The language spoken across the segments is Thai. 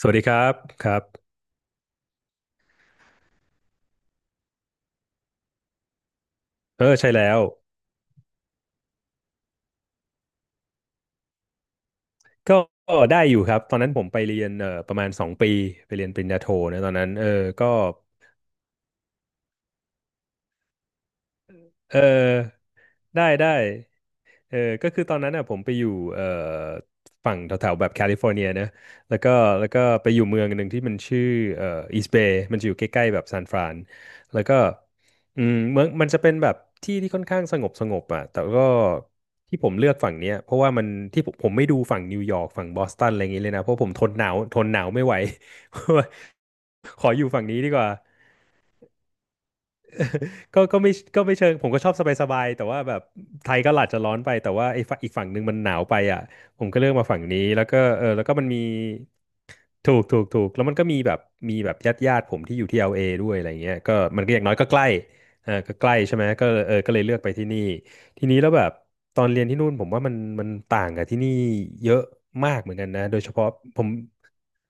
สวัสดีครับครับเออใช่แล้วก็ได้อยู่ครับตอนนั้นผมไปเรียนประมาณสองปีไปเรียนปริญญาโทนะตอนนั้นเออก็เออได้ได้ เออก็คือตอนนั้นอ่ะผมไปอยู่เอ่อฝั่งแถวๆแบบแคลิฟอร์เนียนะแล้วก็แล้วก็ไปอยู่เมืองหนึ่งที่มันชื่อเอ่ออีสเบย์มันจะอยู่ใกล้ๆแบบซานฟรานแล้วก็อืมเมืองมันจะเป็นแบบที่ที่ค่อนข้างสงบอ่ะแต่ก็ที่ผมเลือกฝั่งเนี้ยเพราะว่ามันที่ผมไม่ดูฝั่งนิวยอร์กฝั่งบอสตันอะไรอย่างงี้เลยนะ เพราะผมทนหนาวไม่ไหว ขออยู่ฝั่งนี้ดีกว่า ก็ไม่ก็ไม่เชิงผมก็ชอบสบายๆแต่ว่าแบบไทยก็หลาจจะร้อนไปแต่ว่าไอ้ฝั่งอีกฝั่งหนึ่งมันหนาวไปอ่ะผมก็เลือกมาฝั่งนี้แล้วก็เออแล้วก็มันมีถูกแล้วมันก็มีแบบมีแบบญาติผมที่อยู่ที่ l อลเอด้วยอะไรเงี้ยก็มันก็อย่างน้อยก็ใกล้ออก็ใกล้ใช่ไหมก็เออก็เลยเลือกไปที่นี่ทีนี้แล้วแบบตอนเรียนที่นู่นผมว่ามันต่างกับที่นี่เยอะมากเหมือนกันนะโดยเฉพาะผม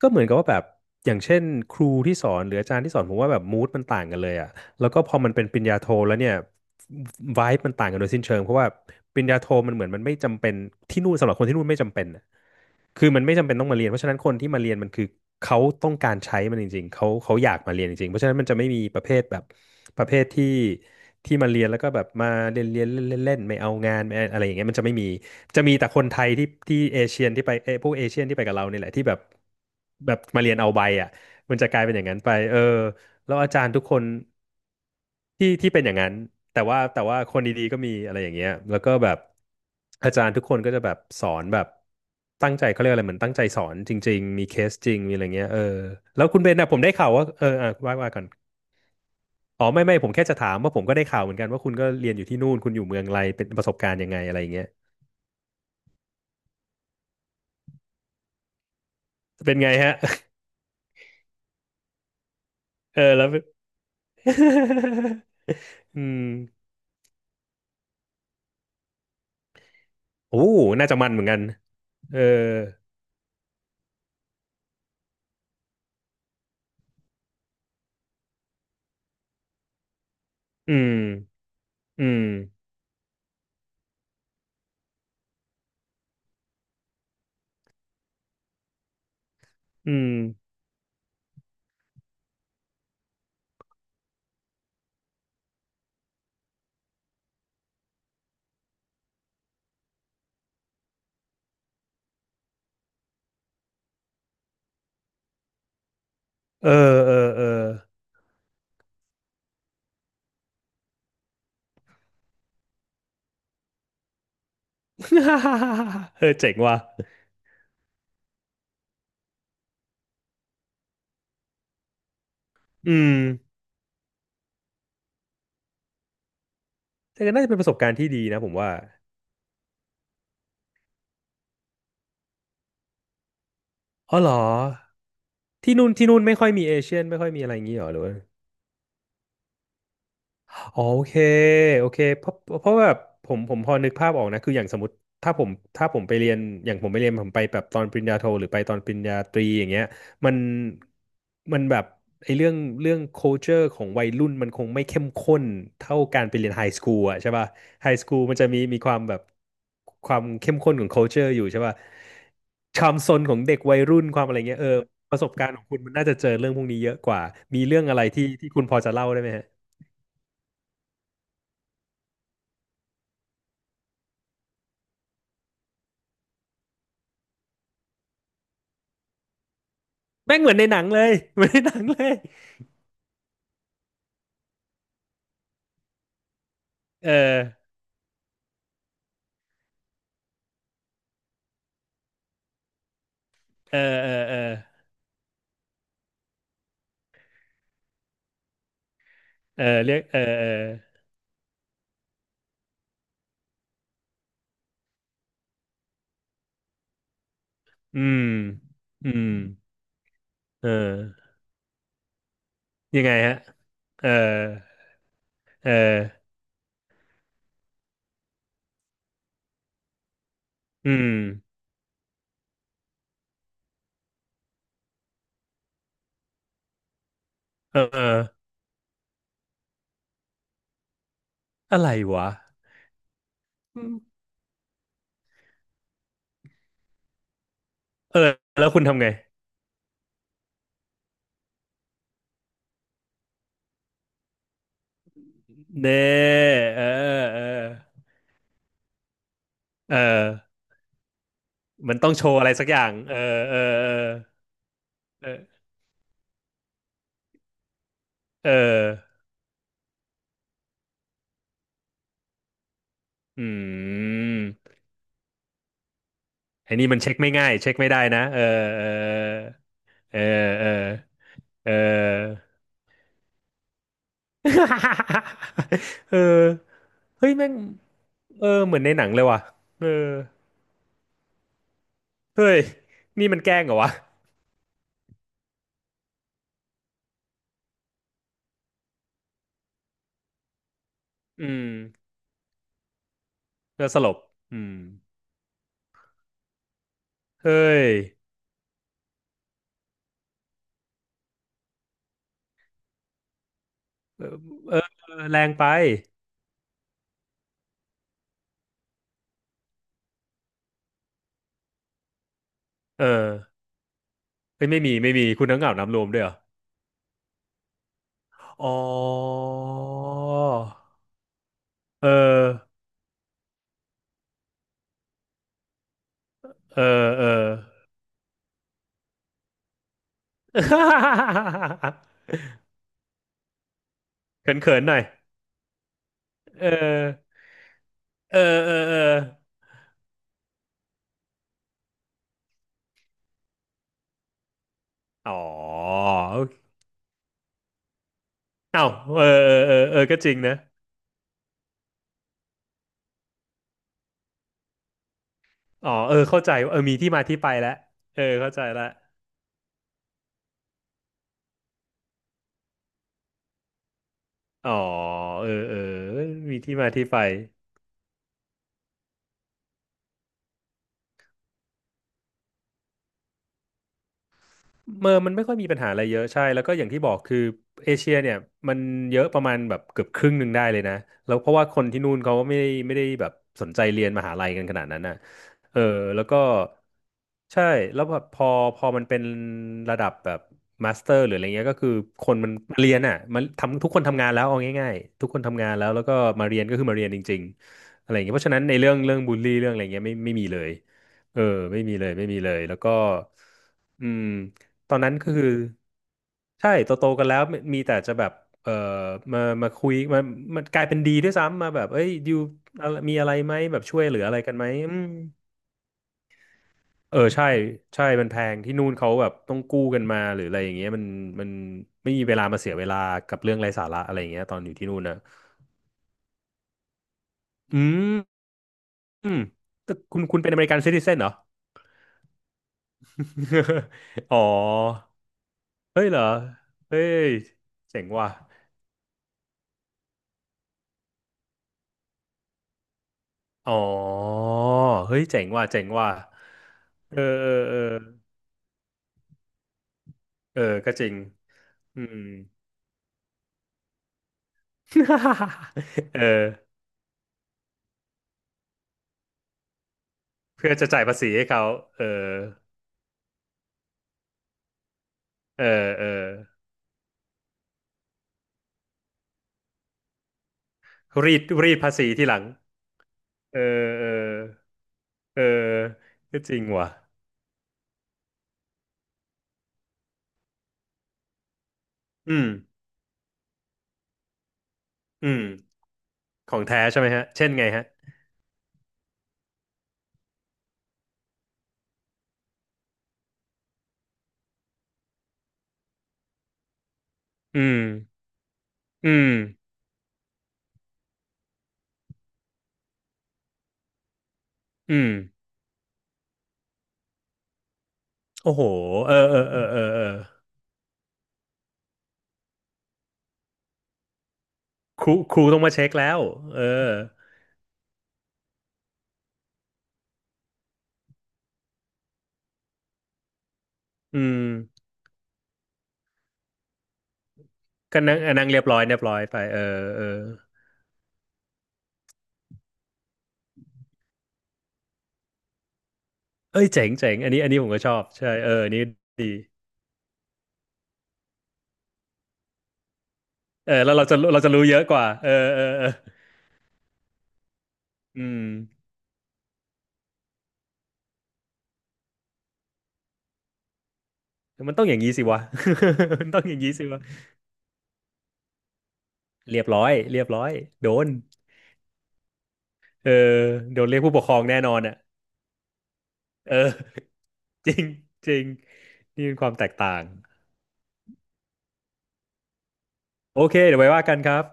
ก็เหมือนกับว่าแบบอย่างเช่นครูที่สอนหรืออาจารย์ที่สอนผมว่าแบบมูดมันต่างกันเลยอ่ะ แล้วก็พอมันเป็นปริญญาโทแล้วเนี่ย vibe มันต่างกันโดยสิ้นเชิงเพราะว่าปริญญาโทมันเหมือนมันไม่จำเป็นที่นู่นสำหรับคนที่นู่นไม่จำเป็นน่ะคือมันไม่จำเป็นต้องมาเรียนเพราะฉะนั้นคนที่มาเรียนมันคือเขาต้องการใช้มันจริงๆเขาอยากมาเรียนจริงๆเพราะฉะนั้นมันจะไม่มีประเภทแบบประเภทที่ที่มาเรียนแล้วก็แบบมาเรียนเรียนเล่นเล่นๆไม่เอางานไม่อะไรอย่างเงี้ยมันจะไม่มีจะมีแต่คนไทยที่ที่เอเชียนที่ไปเอยพวกเอเชียนที่ไปกับเราเนี่ยแหละที่แบบแบบมาเรียนเอาใบอ่ะมันจะกลายเป็นอย่างนั้นไปเออแล้วอาจารย์ทุกคน ที่ที่เป็นอย่างนั้นแต่ว่าคนดีๆก็มีอะไรอย่างเงี้ยแล้วก็แบบอาจารย์ทุกคนก็จะแบบสอนแบบตั้งใจเขาเรียกอะไรเหมือนตั้งใจสอนจริงๆมีเคสจริงมีอะไรเงี้ยเออแล้วคุณเบนนะผมได้ข่าวว่าเอออ่ะว่ากันอ๋อไม่ผมแค่จะถามว่าผมก็ได้ข่าวเหมือนกันว่าคุณก็เรียนอยู่ที่นู่นคุณอยู่เมืองไรเป็นประสบการณ์ยังไงอะไรเงี้ยเป็นไงฮะ เออแล้ว อืมโอ้น่าจะมันเหมือนกันเอออืมอืมอืมเออเออ เออเจ๋งว่ะอืม แต่ก็น่าจะเป็นประสบการณ์ที่ดีนะผมว่าอ๋อเหรอ ที่นู่นไม่ค่อยมีเอเชียนไม่ค่อยมีอะไรอย่างงี้เหรอหรือว่า อ๋อโอเคโอเคเพราะเพราะแบบผมพอนึกภาพออกนะคืออย่างสมมติถ้าผมถ้าผมไปเรียนอย่างผมไปเรียนผมไปแบบตอนปริญญาโทหรือไปตอนปริญญาตรีอย่างเงี้ยมันมันแบบไอ้เรื่องเรื่อง culture ของวัยรุ่นมันคงไม่เข้มข้นเท่าการไปเรียนไฮสคูลอะใช่ป่ะไฮสคูลมันจะมีมีความแบบความเข้มข้นของ culture อยู่ใช่ป่ะความซนของเด็กวัยรุ่นความอะไรเงี้ยเออประสบการณ์ของคุณมันน่าจะเจอเรื่องพวกนี้เยอะกว่ามีเรื่องอะไรที่ที่คุณพอจะเล่าได้ไหม แม่งเหมือนในหนังเลยเหมือนในหนังเลยเออเออเออเรียกเอออืมอืมเออยังไงฮะเออเอออืมเอออะไรวะอืมเออแล้วคุณทำไงเน่เออเออเออมันต้องโชว์อะไรสักอย่างเออเออเออเอออืมไอ้นี่มันเช็คไม่ง่ายเช็คไม่ได้นะเออ เออเออเออ เออเฮ้ยแม่งเออเหมือนในหนังเลยว่ะเออเฮ้ยนี่มันแกล้งเหรอวะอืมเออสลบอืมเฮ้ยเออแรงไปเออเฮ้ยไม่มีไม่มีคุณน้ำเหงาน้ำรวมด้วยเหรออ๋อเออเออเออ เขินๆหน่อยเออเออเออเอออ๋อ อ้าวเออก็จริงนะอ๋อเออเข้าใจเออมีที่มาที่ไปแล้วเออเข้าใจละอ๋อเออเออ มีที่มาที่ไป เมอร์มันไม่ค่อยมีปัญหาอะไรเยอะใช่แล้วก็อย่างที่บอกคือเอเชียเนี่ยมันเยอะประมาณแบบเกือบครึ่งหนึ่งได้เลยนะแล้วเพราะว่าคนที่นู่นเขาก็ไม่ได้แบบสนใจเรียนมหาลัยกันขนาดนั้นน่ะเออแล้วก็ใช่แล้วแบบพอมันเป็นระดับแบบมาสเตอร์หรืออะไรเงี้ยก็คือคนมันมาเรียนอ่ะมันทำทุกคนทำงานแล้วเอาง่ายๆทุกคนทำงานแล้วแล้วก็มาเรียนก็คือมาเรียนจริงๆอะไรอย่างเงี้ยเพราะฉะนั้นในเรื่องบูลลี่เรื่องอะไรเงี้ยไม่มีเลยเออไม่มีเลยไม่มีเลยแล้วก็อืม ตอนนั้นคือใช่โตโตกันแล้วมีแต่จะแบบเออมามาคุยมามันกลายเป็นดีด้วยซ้ำมาแบบเอ้ยยูอะไรมีอะไรไหมแบบช่วยเหลืออะไรกันไหมอืมเออใช่ใช่มันแพงที่นู่นเขาแบบต้องกู้กันมาหรืออะไรอย่างเงี้ยมันไม่มีเวลามาเสียเวลากับเรื่องไร้สาระอะไรอย่างเงี้ยตอนอยู่ที่นู่นนะอืมอืมแต่คุณเป็นอเมริกันซิติเซนเหรอ อ๋อเฮ้ยเหรอเฮ้ยเจ๋งว่ะ อ๋อเฮ้ยเจ๋งว่ะเจ๋งว่ะเออเออเออเออก็จริงอืม เออเพื่อจะจ่ายภาษีให้เขาเออเออเออรีดภาษีทีหลังเออเออเออก็จริงว่ะอืมอืมของแท้ใช่ไหมฮะเช่นไงฮะอืมอืมอืมโอ้โหเออเออเออเออเออครูต้องมาเช็คแล้วเอออืม ก็นั่งอ่ะนั่งเรียบร้อยเรียบร้อยไปเออเออเอ้ยเจ๋งเจ๋งอันนี้อันนี้ผมก็ชอบใช่เอออันนี้ดีเออแล้วเราจะรู้เยอะกว่าเออเออเอออืมมันต้องอย่างนี้สิวะ มันต้องอย่างนี้สิวะเรียบร้อยเรียบร้อยโดนเออโดนเรียกผู้ปกครองแน่นอนอ่ะเออ จริงจริงนี่เป็นความแตกต่างโอเคเดี๋ยวไว้ว่ากันครับ